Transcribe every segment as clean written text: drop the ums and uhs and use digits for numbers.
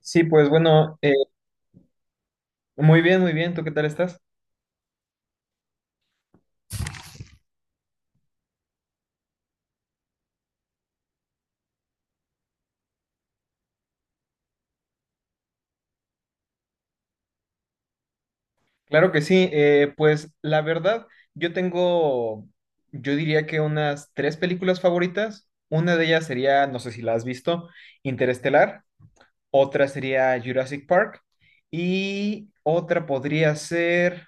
Sí, pues bueno, muy bien, muy bien. ¿Tú qué tal estás? Claro que sí. Pues la verdad, yo tengo, yo diría que unas tres películas favoritas. Una de ellas sería, no sé si la has visto, Interestelar. Otra sería Jurassic Park. Y otra podría ser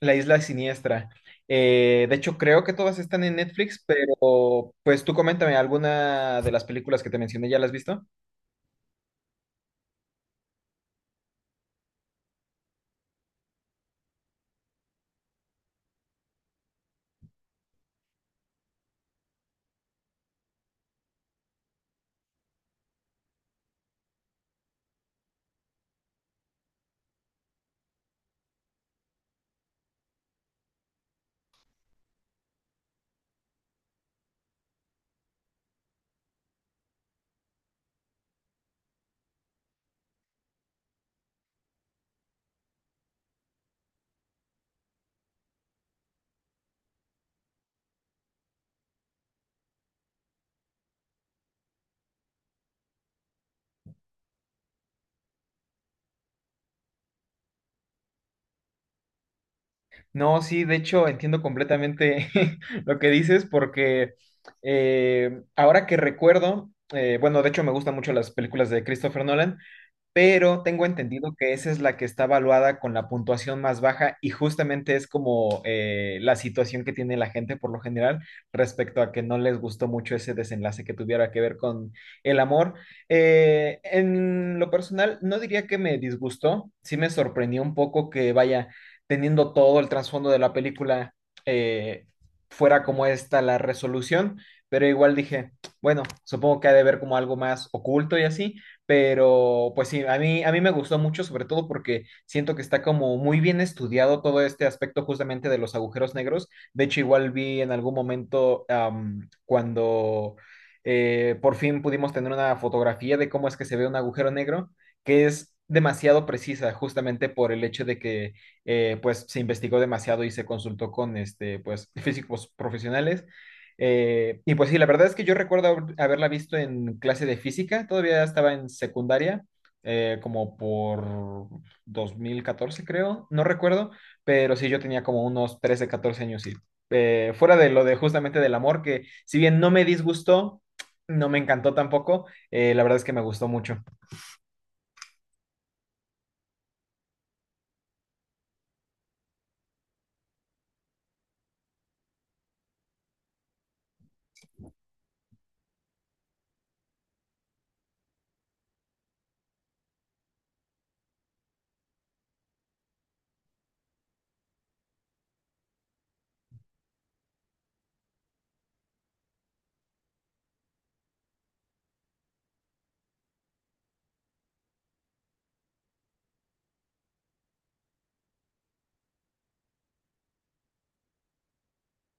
La Isla Siniestra. De hecho, creo que todas están en Netflix, pero pues tú coméntame, ¿alguna de las películas que te mencioné ya las has visto? No, sí, de hecho entiendo completamente lo que dices porque ahora que recuerdo, bueno, de hecho me gustan mucho las películas de Christopher Nolan, pero tengo entendido que esa es la que está evaluada con la puntuación más baja y justamente es como la situación que tiene la gente por lo general respecto a que no les gustó mucho ese desenlace que tuviera que ver con el amor. En lo personal, no diría que me disgustó, sí me sorprendió un poco que vaya, teniendo todo el trasfondo de la película, eh, fuera como esta la resolución, pero igual dije, bueno, supongo que ha de ver como algo más oculto y así. Pero pues sí, a mí me gustó mucho, sobre todo porque siento que está como muy bien estudiado todo este aspecto justamente de los agujeros negros. De hecho, igual vi en algún momento cuando por fin pudimos tener una fotografía de cómo es que se ve un agujero negro, que es demasiado precisa justamente por el hecho de que pues se investigó demasiado y se consultó con este pues físicos profesionales, y pues sí, la verdad es que yo recuerdo haberla visto en clase de física, todavía estaba en secundaria, como por 2014 creo, no recuerdo, pero sí yo tenía como unos 13 14 años y, fuera de lo de justamente del amor, que si bien no me disgustó, no me encantó tampoco, la verdad es que me gustó mucho.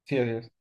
Sí, así es.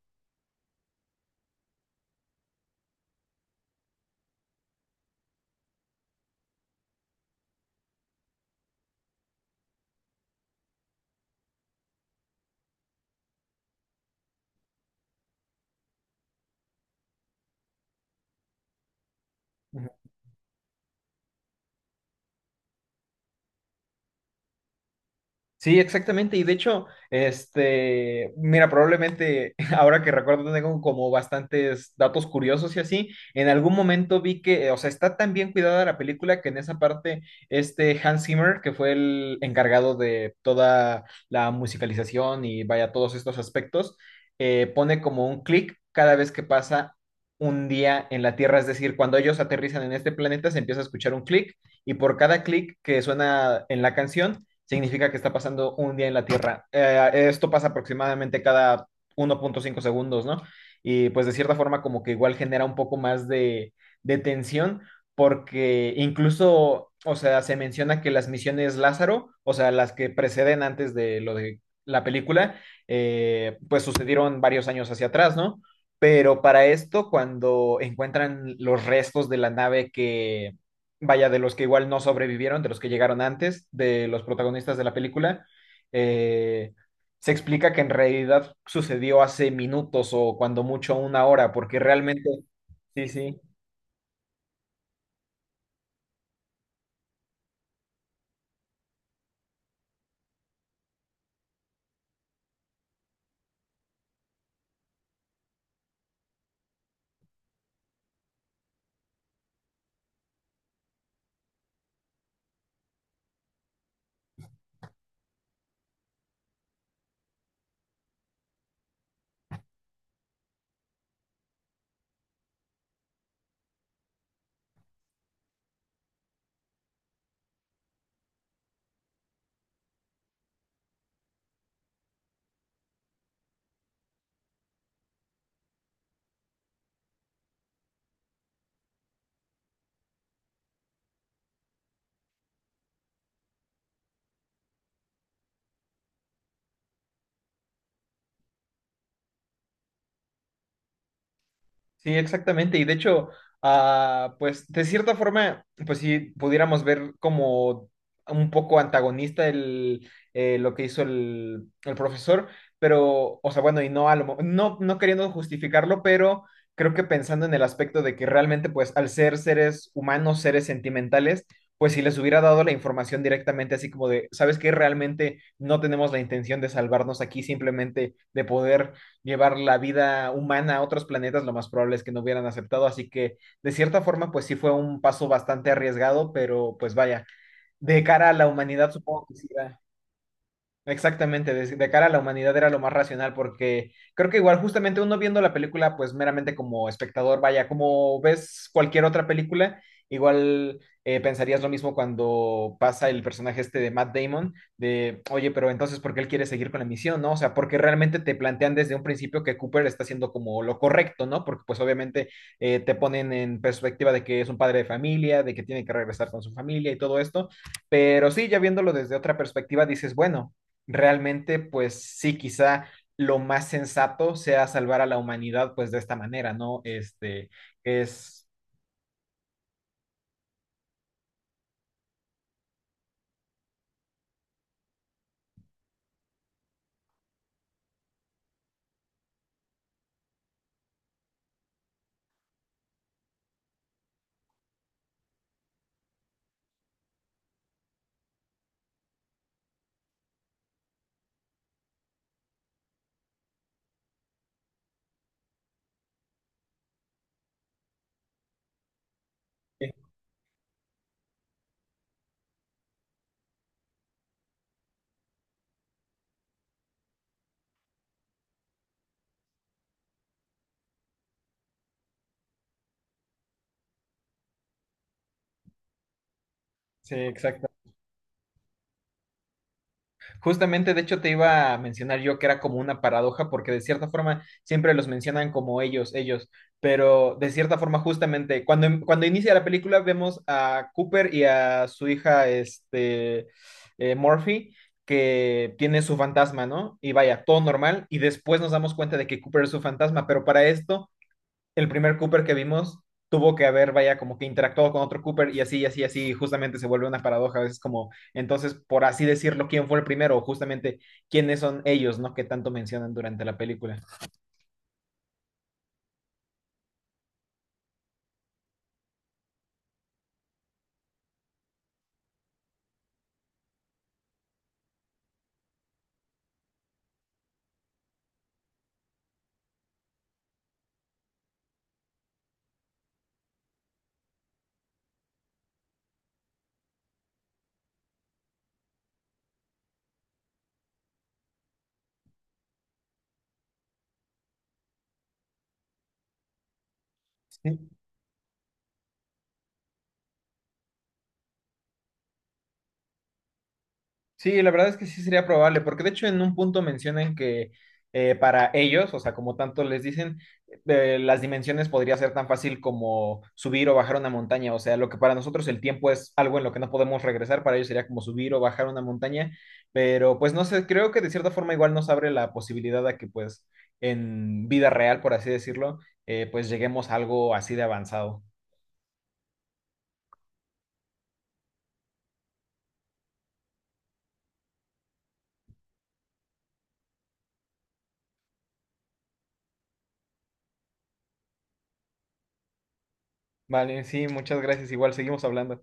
Sí, exactamente. Y de hecho, este, mira, probablemente ahora que recuerdo tengo como bastantes datos curiosos y así, en algún momento vi que, o sea, está tan bien cuidada la película que en esa parte este Hans Zimmer, que fue el encargado de toda la musicalización y vaya todos estos aspectos, pone como un clic cada vez que pasa un día en la Tierra. Es decir, cuando ellos aterrizan en este planeta se empieza a escuchar un clic, y por cada clic que suena en la canción significa que está pasando un día en la Tierra. Esto pasa aproximadamente cada 1.5 segundos, ¿no? Y pues de cierta forma como que igual genera un poco más de tensión, porque incluso, o sea, se menciona que las misiones Lázaro, o sea, las que preceden antes de lo de la película, pues sucedieron varios años hacia atrás, ¿no? Pero para esto, cuando encuentran los restos de la nave que, vaya, de los que igual no sobrevivieron, de los que llegaron antes, de los protagonistas de la película, eh, se explica que en realidad sucedió hace minutos o cuando mucho una hora, porque realmente, sí, sí, sí, exactamente. Y de hecho, ah, pues de cierta forma, pues si pudiéramos ver como un poco antagonista el, lo que hizo el profesor, pero, o sea, bueno, y no, no, no queriendo justificarlo, pero creo que pensando en el aspecto de que realmente, pues al ser seres humanos, seres sentimentales, pues si les hubiera dado la información directamente, así como de, ¿sabes qué? Realmente no tenemos la intención de salvarnos aquí, simplemente de poder llevar la vida humana a otros planetas, lo más probable es que no hubieran aceptado. Así que, de cierta forma, pues sí fue un paso bastante arriesgado, pero pues vaya, de cara a la humanidad, supongo que sí era. Exactamente, de cara a la humanidad era lo más racional, porque creo que igual justamente uno viendo la película, pues meramente como espectador, vaya, como ves cualquier otra película, igual pensarías lo mismo cuando pasa el personaje este de Matt Damon, de, oye, pero entonces, ¿por qué él quiere seguir con la misión, no? O sea, porque realmente te plantean desde un principio que Cooper está haciendo como lo correcto, ¿no? Porque pues obviamente te ponen en perspectiva de que es un padre de familia, de que tiene que regresar con su familia y todo esto. Pero sí, ya viéndolo desde otra perspectiva, dices, bueno, realmente, pues sí, quizá lo más sensato sea salvar a la humanidad, pues de esta manera, ¿no? Este, es... eh, sí, exacto. Justamente, de hecho, te iba a mencionar yo que era como una paradoja, porque de cierta forma siempre los mencionan como ellos, pero de cierta forma, justamente, cuando, cuando inicia la película vemos a Cooper y a su hija, este, Murphy, que tiene su fantasma, ¿no? Y vaya, todo normal, y después nos damos cuenta de que Cooper es su fantasma, pero para esto el primer Cooper que vimos tuvo que haber, vaya, como que interactuado con otro Cooper y así, y así, y así, y justamente se vuelve una paradoja, a veces como, entonces, por así decirlo, ¿quién fue el primero? O justamente, ¿quiénes son ellos, no? Que tanto mencionan durante la película. Sí, sí, la verdad es que sí sería probable, porque de hecho en un punto mencionan que para ellos, o sea, como tanto les dicen, las dimensiones podría ser tan fácil como subir o bajar una montaña, o sea, lo que para nosotros el tiempo es algo en lo que no podemos regresar, para ellos sería como subir o bajar una montaña, pero pues no sé, creo que de cierta forma igual nos abre la posibilidad a que pues en vida real, por así decirlo, pues lleguemos a algo así de avanzado. Vale, sí, muchas gracias, igual seguimos hablando.